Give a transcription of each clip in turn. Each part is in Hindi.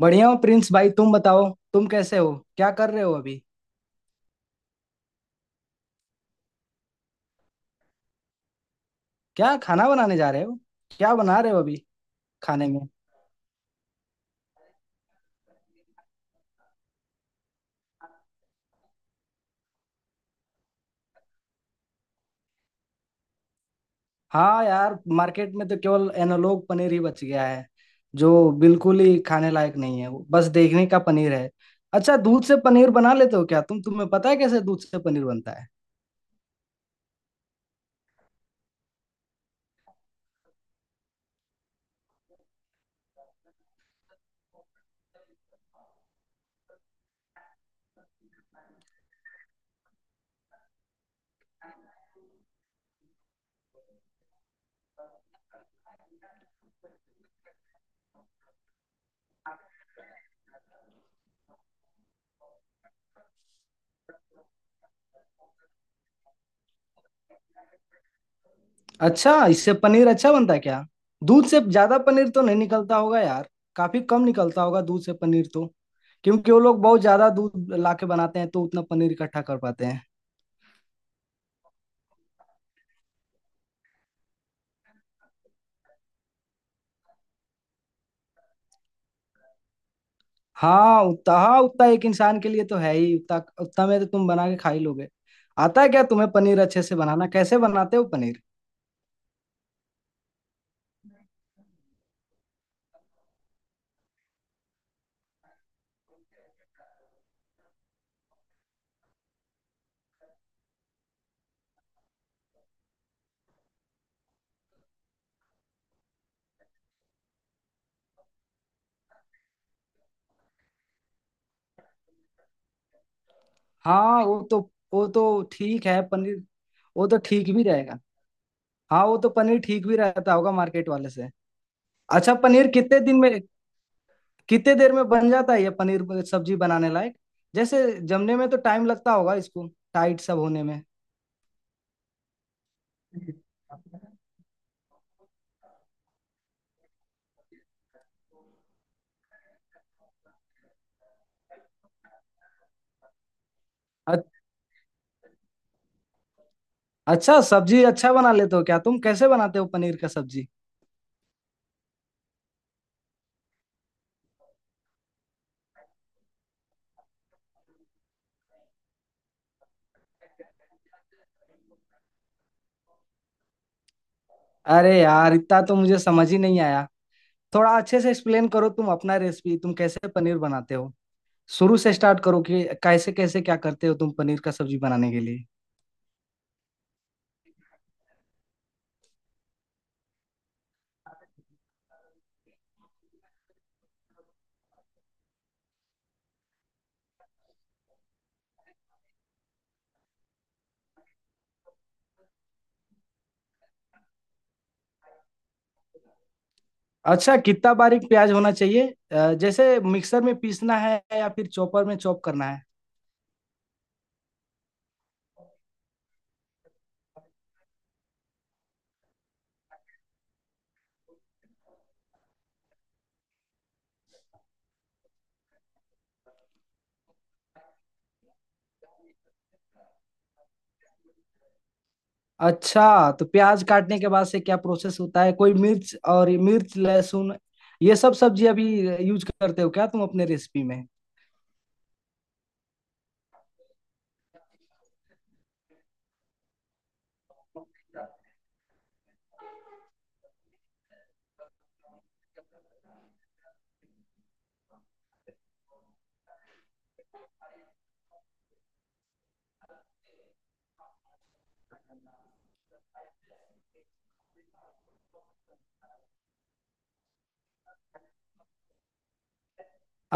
बढ़िया हो प्रिंस भाई, तुम बताओ। तुम कैसे हो, क्या कर रहे हो अभी? क्या खाना बनाने जा रहे हो? क्या बना रहे हो अभी खाने में? हाँ यार, मार्केट में तो केवल एनालॉग पनीर ही बच गया है, जो बिल्कुल ही खाने लायक नहीं है। वो बस देखने का पनीर है। अच्छा, दूध से पनीर बना लेते हो क्या तुम? तुम्हें पता है कैसे दूध से पनीर बनता है? अच्छा, इससे पनीर अच्छा बनता है क्या? दूध से ज्यादा पनीर तो नहीं निकलता होगा यार। काफी कम निकलता होगा दूध से पनीर तो, क्योंकि वो लोग बहुत ज्यादा दूध लाके बनाते हैं तो उतना पनीर इकट्ठा कर पाते हैं। हाँ उतना, हाँ उतना एक इंसान के लिए तो है ही। उतना उतना में तो तुम बना के खा ही लोगे। आता है क्या तुम्हें पनीर अच्छे से बनाना? कैसे बनाते हो पनीर? हाँ वो तो, वो तो ठीक है पनीर। वो तो ठीक भी रहेगा। हाँ वो तो पनीर ठीक भी रहता होगा मार्केट वाले से। अच्छा, पनीर कितने दिन में, कितने देर में बन जाता है ये पनीर सब्जी बनाने लायक? जैसे जमने में तो टाइम लगता होगा इसको, टाइट सब होने में। अ- अच्छा, सब्जी अच्छा बना लेते हो क्या तुम? कैसे बनाते हो पनीर का सब्जी? अरे यार, इतना तो मुझे समझ ही नहीं आया। थोड़ा अच्छे से एक्सप्लेन करो तुम अपना रेसिपी। तुम कैसे पनीर बनाते हो? शुरू से स्टार्ट करो कि कैसे कैसे क्या करते हो तुम पनीर का सब्जी बनाने के लिए। अच्छा, कितना बारीक प्याज होना चाहिए? जैसे मिक्सर में पीसना है या फिर चॉपर में चॉप करना है? अच्छा, तो प्याज काटने के बाद से क्या प्रोसेस होता है? कोई मिर्च, और मिर्च लहसुन ये सब सब्जी अभी यूज करते हो क्या तुम अपने रेसिपी में?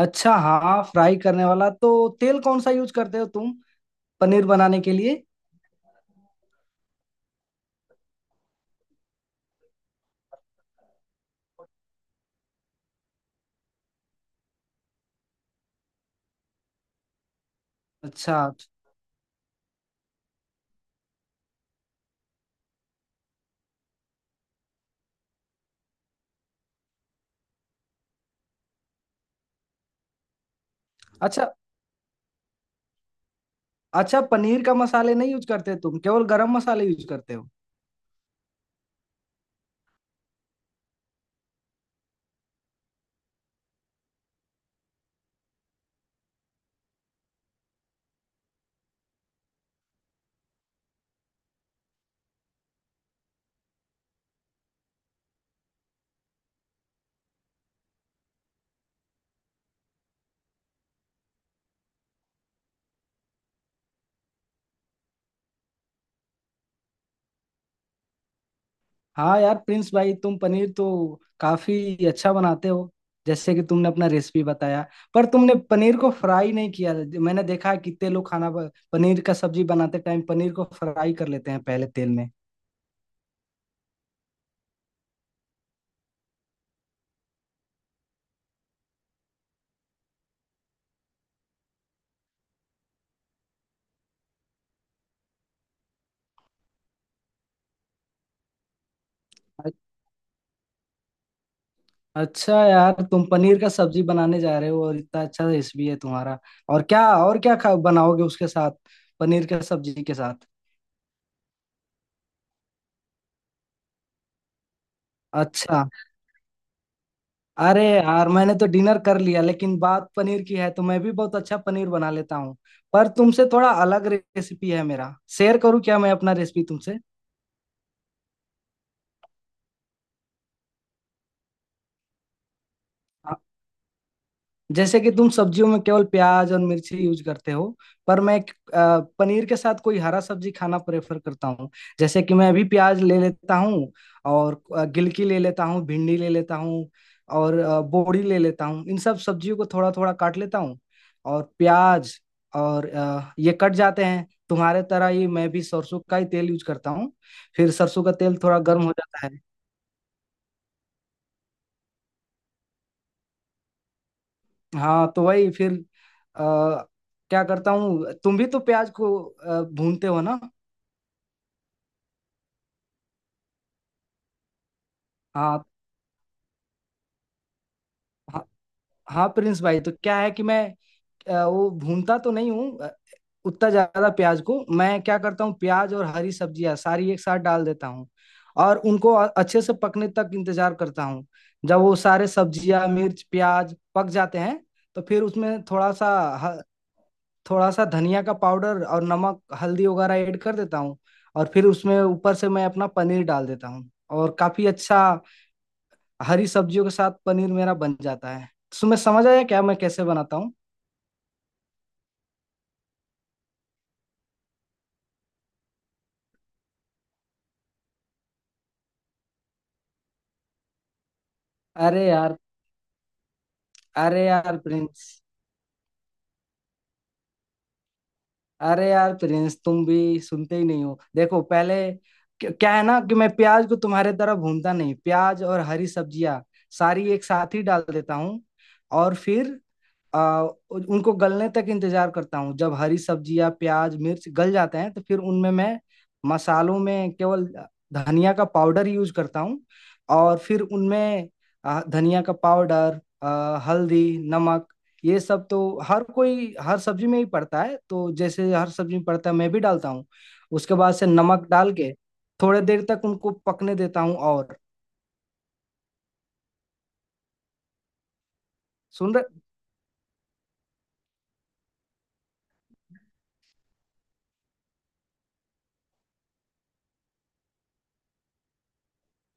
अच्छा, हाँ फ्राई करने वाला तो तेल कौन सा यूज करते हो तुम पनीर बनाने के लिए? अच्छा अच्छा। अच्छा, पनीर का मसाले नहीं यूज करते तुम, केवल गरम मसाले यूज करते हो? हाँ यार प्रिंस भाई, तुम पनीर तो काफी अच्छा बनाते हो। जैसे कि तुमने अपना रेसिपी बताया, पर तुमने पनीर को फ्राई नहीं किया। मैंने देखा है कितने लोग खाना पनीर का सब्जी बनाते टाइम पनीर को फ्राई कर लेते हैं पहले तेल में। अ- अच्छा यार, तुम पनीर का सब्जी बनाने जा रहे हो और इतना अच्छा रेसिपी है तुम्हारा। और क्या, और क्या खा बनाओगे उसके साथ, पनीर के सब्जी के साथ? अच्छा। अरे यार, मैंने तो डिनर कर लिया, लेकिन बात पनीर की है तो मैं भी बहुत अच्छा पनीर बना लेता हूँ। पर तुमसे थोड़ा अलग रेसिपी है मेरा। शेयर करूँ क्या मैं अपना रेसिपी तुमसे? जैसे कि तुम सब्जियों में केवल प्याज और मिर्ची यूज करते हो, पर मैं एक, पनीर के साथ कोई हरा सब्जी खाना प्रेफर करता हूँ। जैसे कि मैं अभी प्याज ले लेता हूँ और गिलकी ले लेता हूँ, भिंडी ले लेता हूँ और बोड़ी ले लेता हूँ। इन सब सब्जियों को थोड़ा थोड़ा काट लेता हूँ, और प्याज और ये कट जाते हैं। तुम्हारे तरह ही मैं भी सरसों का ही तेल यूज करता हूँ। फिर सरसों का तेल थोड़ा गर्म हो जाता है। हाँ तो वही फिर क्या करता हूँ, तुम भी तो प्याज को भूनते हो ना? हाँ हाँ। हाँ प्रिंस भाई, तो क्या है कि मैं वो भूनता तो नहीं हूँ उतना ज्यादा प्याज को। मैं क्या करता हूँ, प्याज और हरी सब्जियाँ सारी एक साथ डाल देता हूँ और उनको अच्छे से पकने तक इंतजार करता हूँ। जब वो सारे सब्जियाँ, मिर्च, प्याज पक जाते हैं, तो फिर उसमें थोड़ा सा, थोड़ा सा धनिया का पाउडर और नमक, हल्दी वगैरह ऐड कर देता हूँ। और फिर उसमें ऊपर से मैं अपना पनीर डाल देता हूँ, और काफी अच्छा हरी सब्जियों के साथ पनीर मेरा बन जाता है। तुम्हें समझ आया क्या मैं कैसे बनाता हूँ? अरे यार, अरे यार प्रिंस, अरे यार प्रिंस, तुम भी सुनते ही नहीं हो। देखो पहले, क्या, क्या है ना कि मैं प्याज को तुम्हारे तरह भूनता नहीं। प्याज और हरी सब्जियाँ सारी एक साथ ही डाल देता हूँ और फिर आ, उनको गलने तक इंतजार करता हूँ। जब हरी सब्जियाँ, प्याज, मिर्च गल जाते हैं, तो फिर उनमें मैं मसालों में केवल धनिया का पाउडर यूज करता हूँ। और फिर उनमें धनिया का पाउडर, हल्दी, नमक, ये सब तो हर कोई हर सब्जी में ही पड़ता है, तो जैसे हर सब्जी में पड़ता है मैं भी डालता हूँ। उसके बाद से नमक डाल के थोड़े देर तक उनको पकने देता हूँ। और सुन रहे?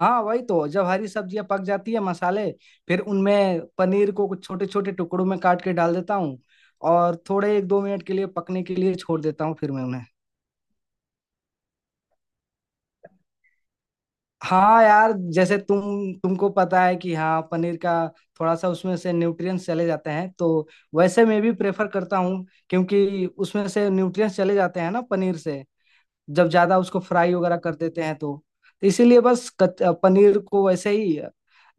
हाँ वही तो, जब हरी सब्जियां पक जाती है, मसाले, फिर उनमें पनीर को कुछ छोटे छोटे टुकड़ों में काट के डाल देता हूँ और थोड़े एक दो मिनट के लिए पकने के लिए छोड़ देता हूँ। फिर मैं उन्हें, हाँ यार, जैसे तुम, तुमको पता है कि हाँ, पनीर का थोड़ा सा उसमें से न्यूट्रिएंट्स चले जाते हैं, तो वैसे मैं भी प्रेफर करता हूँ, क्योंकि उसमें से न्यूट्रिएंट्स चले जाते हैं ना पनीर से, जब ज्यादा उसको फ्राई वगैरह कर देते हैं तो। इसीलिए बस पनीर को वैसे ही,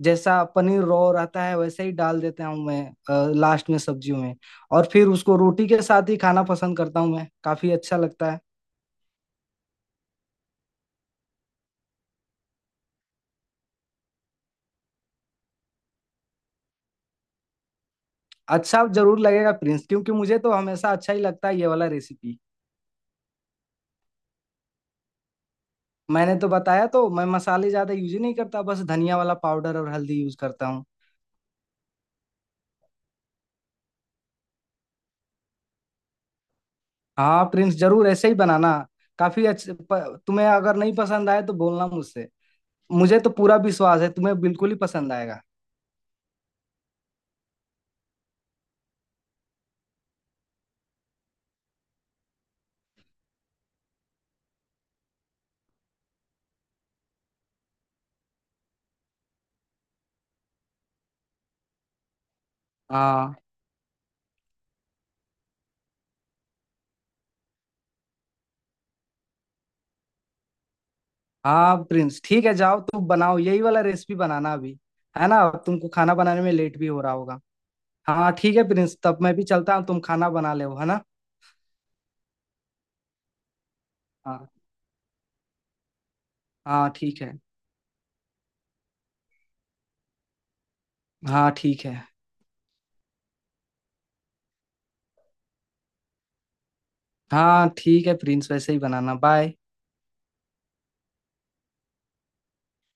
जैसा पनीर रो रहता है, वैसे ही डाल देता हूँ मैं लास्ट में सब्जियों में। और फिर उसको रोटी के साथ ही खाना पसंद करता हूँ मैं। काफी अच्छा लगता है। अच्छा जरूर लगेगा प्रिंस, क्योंकि मुझे तो हमेशा अच्छा ही लगता है ये वाला रेसिपी। मैंने तो बताया तो, मैं मसाले ज्यादा यूज ही नहीं करता। बस धनिया वाला पाउडर और हल्दी यूज करता हूँ। हाँ प्रिंस, जरूर ऐसे ही बनाना। काफी अच्छे तुम्हें अगर नहीं पसंद आए तो बोलना मुझसे। मुझे तो पूरा विश्वास है तुम्हें बिल्कुल ही पसंद आएगा। हाँ। हाँ प्रिंस, ठीक है, जाओ तुम बनाओ यही वाला रेसिपी बनाना अभी, है ना? अब तुमको खाना बनाने में लेट भी हो रहा होगा। हाँ ठीक है प्रिंस, तब मैं भी चलता हूँ, तुम खाना बना ले, है ना? हाँ हाँ ठीक है। हाँ ठीक है। हाँ ठीक है प्रिंस, वैसे ही बनाना, बाय।